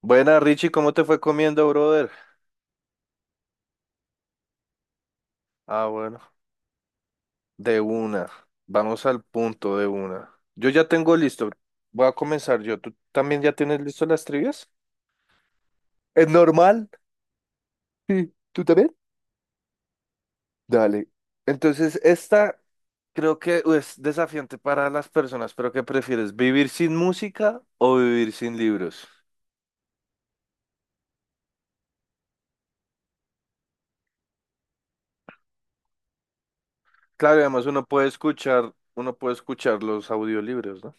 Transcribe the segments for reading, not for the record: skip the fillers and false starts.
Buena, Richie, ¿cómo te fue comiendo, brother? Ah, bueno, de una. Vamos al punto de una. Yo ya tengo listo. Voy a comenzar yo. ¿Tú también ya tienes listo las trivias? ¿Es normal? Sí, ¿tú también? Dale. Entonces, esta creo que es desafiante para las personas, pero ¿qué prefieres? ¿Vivir sin música o vivir sin libros? Claro, y además uno puede escuchar los audiolibros, ¿no?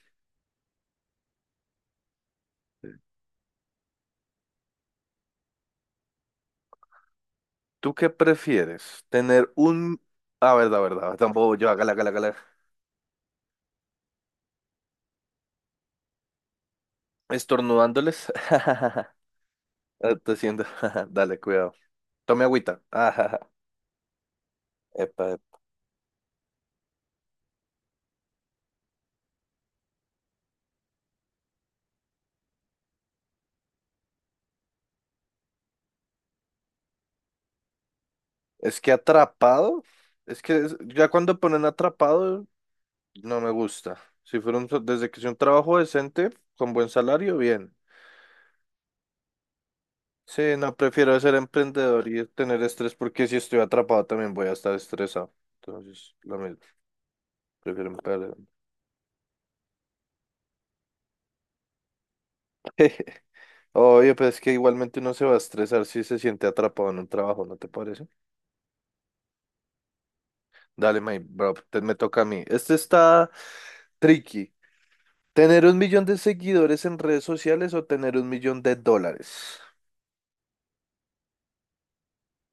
¿Tú qué prefieres? ¿Tener un... Ah, verdad, verdad, tampoco yo, hágala, hágala, hágala. Estornudándoles. Ah, tosiendo. Dale, cuidado. Tome agüita. Epa, epa. Es que atrapado. Es que ya cuando ponen atrapado, no me gusta. Si fuera desde que sea un trabajo decente, con buen salario, bien. Sí, no, prefiero ser emprendedor y tener estrés porque si estoy atrapado también voy a estar estresado. Entonces, lo mismo, prefiero emprender. Oye, pues es que igualmente uno se va a estresar si se siente atrapado en un trabajo, ¿no te parece? Dale, my bro, me toca a mí. Este está tricky. ¿Tener un millón de seguidores en redes sociales o tener un millón de dólares?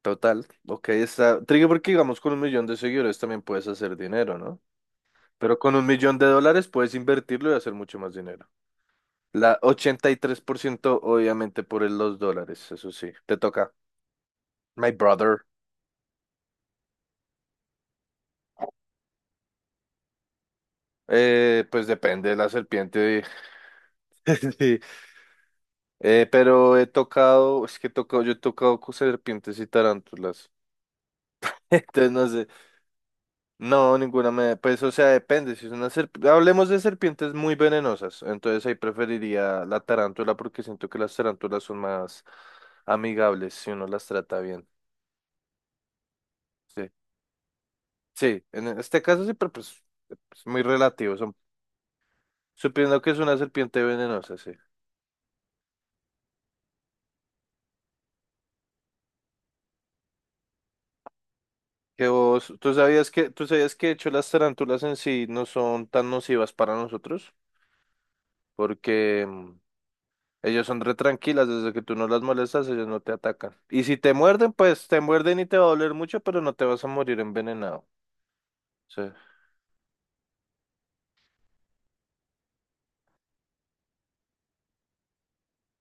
Total, ok, está tricky porque digamos con un millón de seguidores también puedes hacer dinero, ¿no? Pero con un millón de dólares puedes invertirlo y hacer mucho más dinero. La 83%, obviamente por los dólares, eso sí, te toca. My brother. Pues depende de la serpiente. Pero he tocado, es que he tocado, yo he tocado con serpientes y tarántulas. Entonces no sé, no, pues o sea, depende, si es una serpiente, hablemos de serpientes muy venenosas, entonces ahí preferiría la tarántula porque siento que las tarántulas son más amigables si uno las trata bien. Sí, sí, en este caso sí, pero pues es muy relativo, son, suponiendo que es una serpiente venenosa, sí. Que vos, ¿tú sabías que de hecho las tarántulas en sí no son tan nocivas para nosotros? Porque ellos son re tranquilas, desde que tú no las molestas, ellos no te atacan. Y si te muerden, pues te muerden y te va a doler mucho, pero no te vas a morir envenenado. Sí.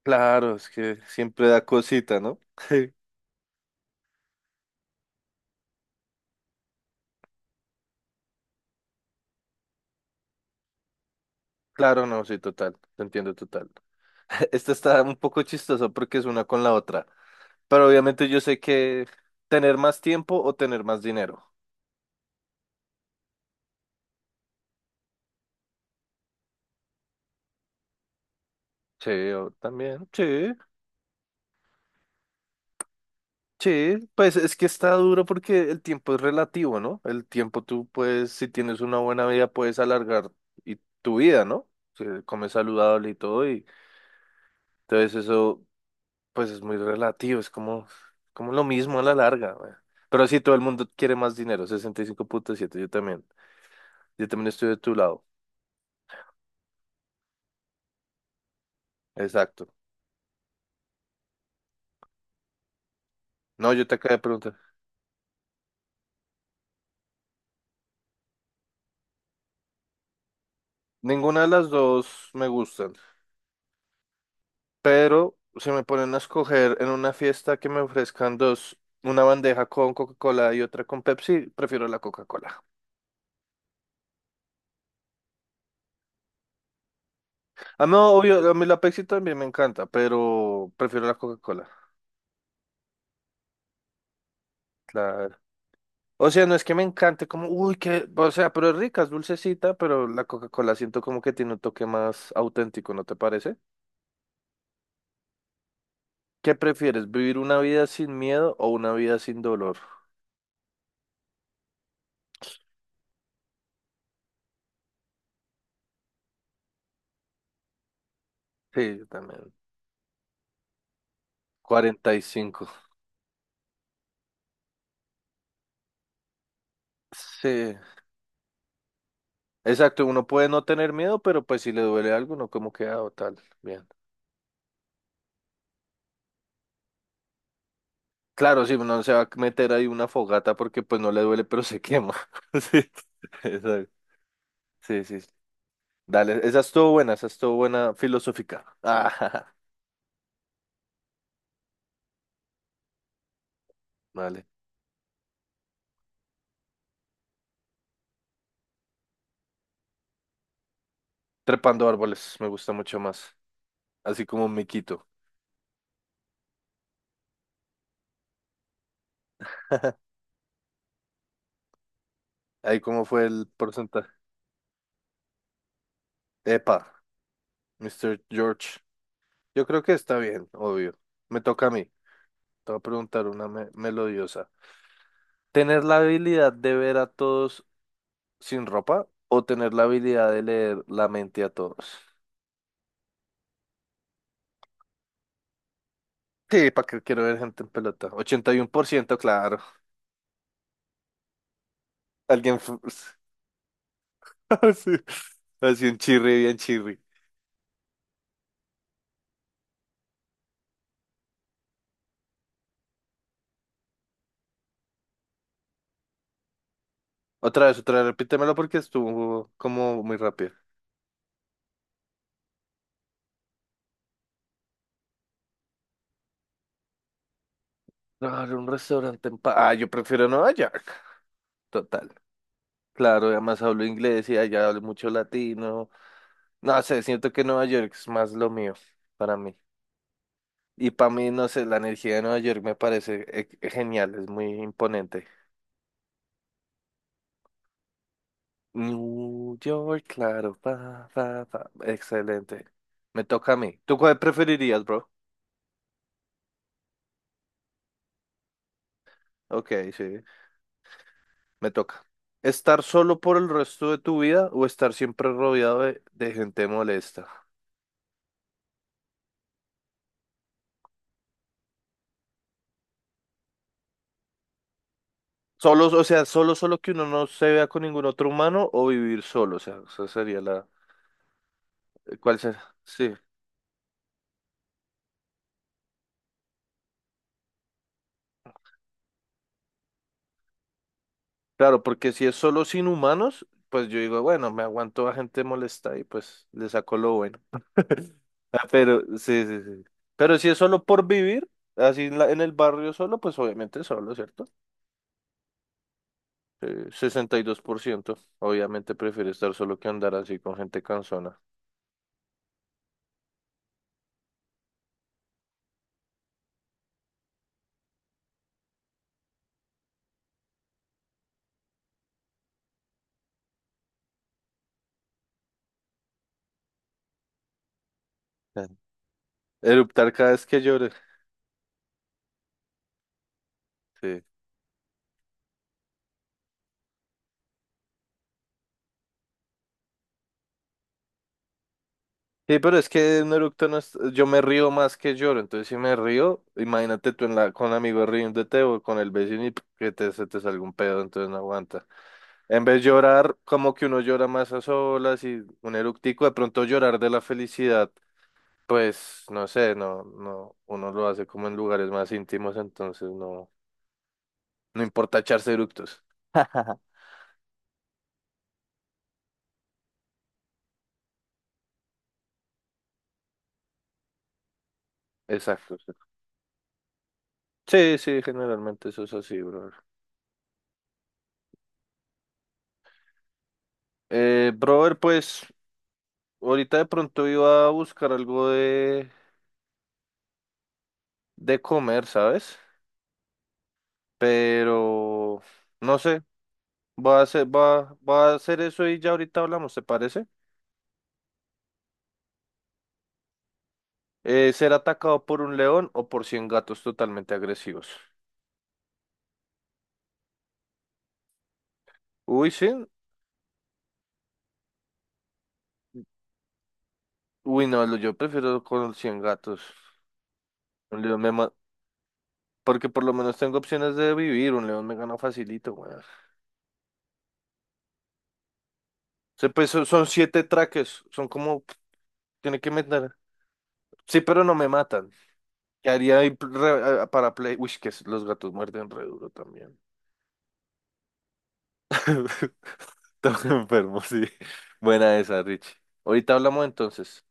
Claro, es que siempre da cosita, ¿no? Claro, no, sí, total, te entiendo total. Esta está un poco chistosa porque es una con la otra, pero obviamente yo sé que tener más tiempo o tener más dinero. Sí, o también, sí. Sí, pues es que está duro porque el tiempo es relativo, ¿no? El tiempo tú puedes, si tienes una buena vida, puedes alargar y tu vida, ¿no? Si comes saludable y todo, y entonces eso, pues es muy relativo, es como, como lo mismo a la larga, güey. Pero sí, todo el mundo quiere más dinero, 65.7. Yo también estoy de tu lado, exacto. No, yo te acabo de preguntar. Ninguna de las dos me gustan. Pero si me ponen a escoger en una fiesta que me ofrezcan dos, una bandeja con Coca-Cola y otra con Pepsi, prefiero la Coca-Cola. Ah, no, obvio, a mí la Pepsi también me encanta, pero prefiero la Coca-Cola, claro. O sea, no es que me encante, como, uy, que, o sea, pero es rica, es dulcecita, pero la Coca-Cola siento como que tiene un toque más auténtico, ¿no te parece? ¿Qué prefieres, vivir una vida sin miedo o una vida sin dolor? Sí, yo también. 45. Sí. Exacto, uno puede no tener miedo, pero pues si le duele algo, no como queda o tal. Bien. Claro, si uno se va a meter ahí una fogata porque pues no le duele, pero se quema. Sí, exacto. Sí, sí. Sí. Dale, esa estuvo buena filosófica. Ah, jaja, vale. Trepando árboles, me gusta mucho más. Así como un miquito. Ahí cómo fue el porcentaje. Epa, Mr. George. Yo creo que está bien, obvio. Me toca a mí. Te voy a preguntar una melodiosa. Tener la habilidad de ver a todos sin ropa o tener la habilidad de leer la mente a todos. Sí, ¿para qué quiero ver gente en pelota? 81%, claro. Alguien. Así, así un chirri, bien chirri. Otra vez, repítemelo porque estuvo como muy rápido. Claro, un restaurante en paz. Ah, yo prefiero Nueva York. Total. Claro, además hablo inglés y allá hablo mucho latino. No sé, siento que Nueva York es más lo mío para mí. Y para mí, no sé, la energía de Nueva York me parece genial, es muy imponente. New York, claro. Pa, pa, pa. Excelente. Me toca a mí. ¿Tú cuál preferirías, bro? Ok, sí. Me toca. ¿Estar solo por el resto de tu vida o estar siempre rodeado de gente molesta? Solo, o sea, solo, que uno no se vea con ningún otro humano o vivir solo. O sea, esa sería la... ¿Cuál sería? Sí. Claro, porque si es solo sin humanos, pues yo digo, bueno, me aguanto a gente molesta y pues le saco lo bueno. Ah, pero, sí, sí, sí. Pero si es solo por vivir, así en el barrio solo, pues obviamente solo, ¿cierto? 62% obviamente prefiere estar solo que andar así con gente cansona. Ah. Eruptar cada vez que llore. Sí. Sí, pero es que un eructo no es, yo me río más que lloro, entonces si me río, imagínate tú en la, con amigos riéndote o con el vecino y que se te salga un pedo, entonces no aguanta. En vez de llorar, como que uno llora más a solas y un eructico, de pronto llorar de la felicidad. Pues no sé, no, no, uno lo hace como en lugares más íntimos, entonces no, no importa echarse eructos. Exacto. Sí. Sí, sí, generalmente eso es así, brother. Brother, pues ahorita de pronto iba a buscar algo de comer, ¿sabes? Pero no sé, va a hacer eso y ya ahorita hablamos, ¿te parece? Ser atacado por un león o por 100 gatos totalmente agresivos. Uy, sí. Uy, no, yo prefiero con los 100 gatos. Un león me ma- Porque por lo menos tengo opciones de vivir. Un león me gana facilito, güey. O sea, pues son siete traques. Son como... Tiene que meter... Sí, pero no me matan. ¿Qué haría ahí para play? Uy, que los gatos muerden re duro también. Estamos enfermos, sí. Buena esa, Rich. Ahorita hablamos entonces.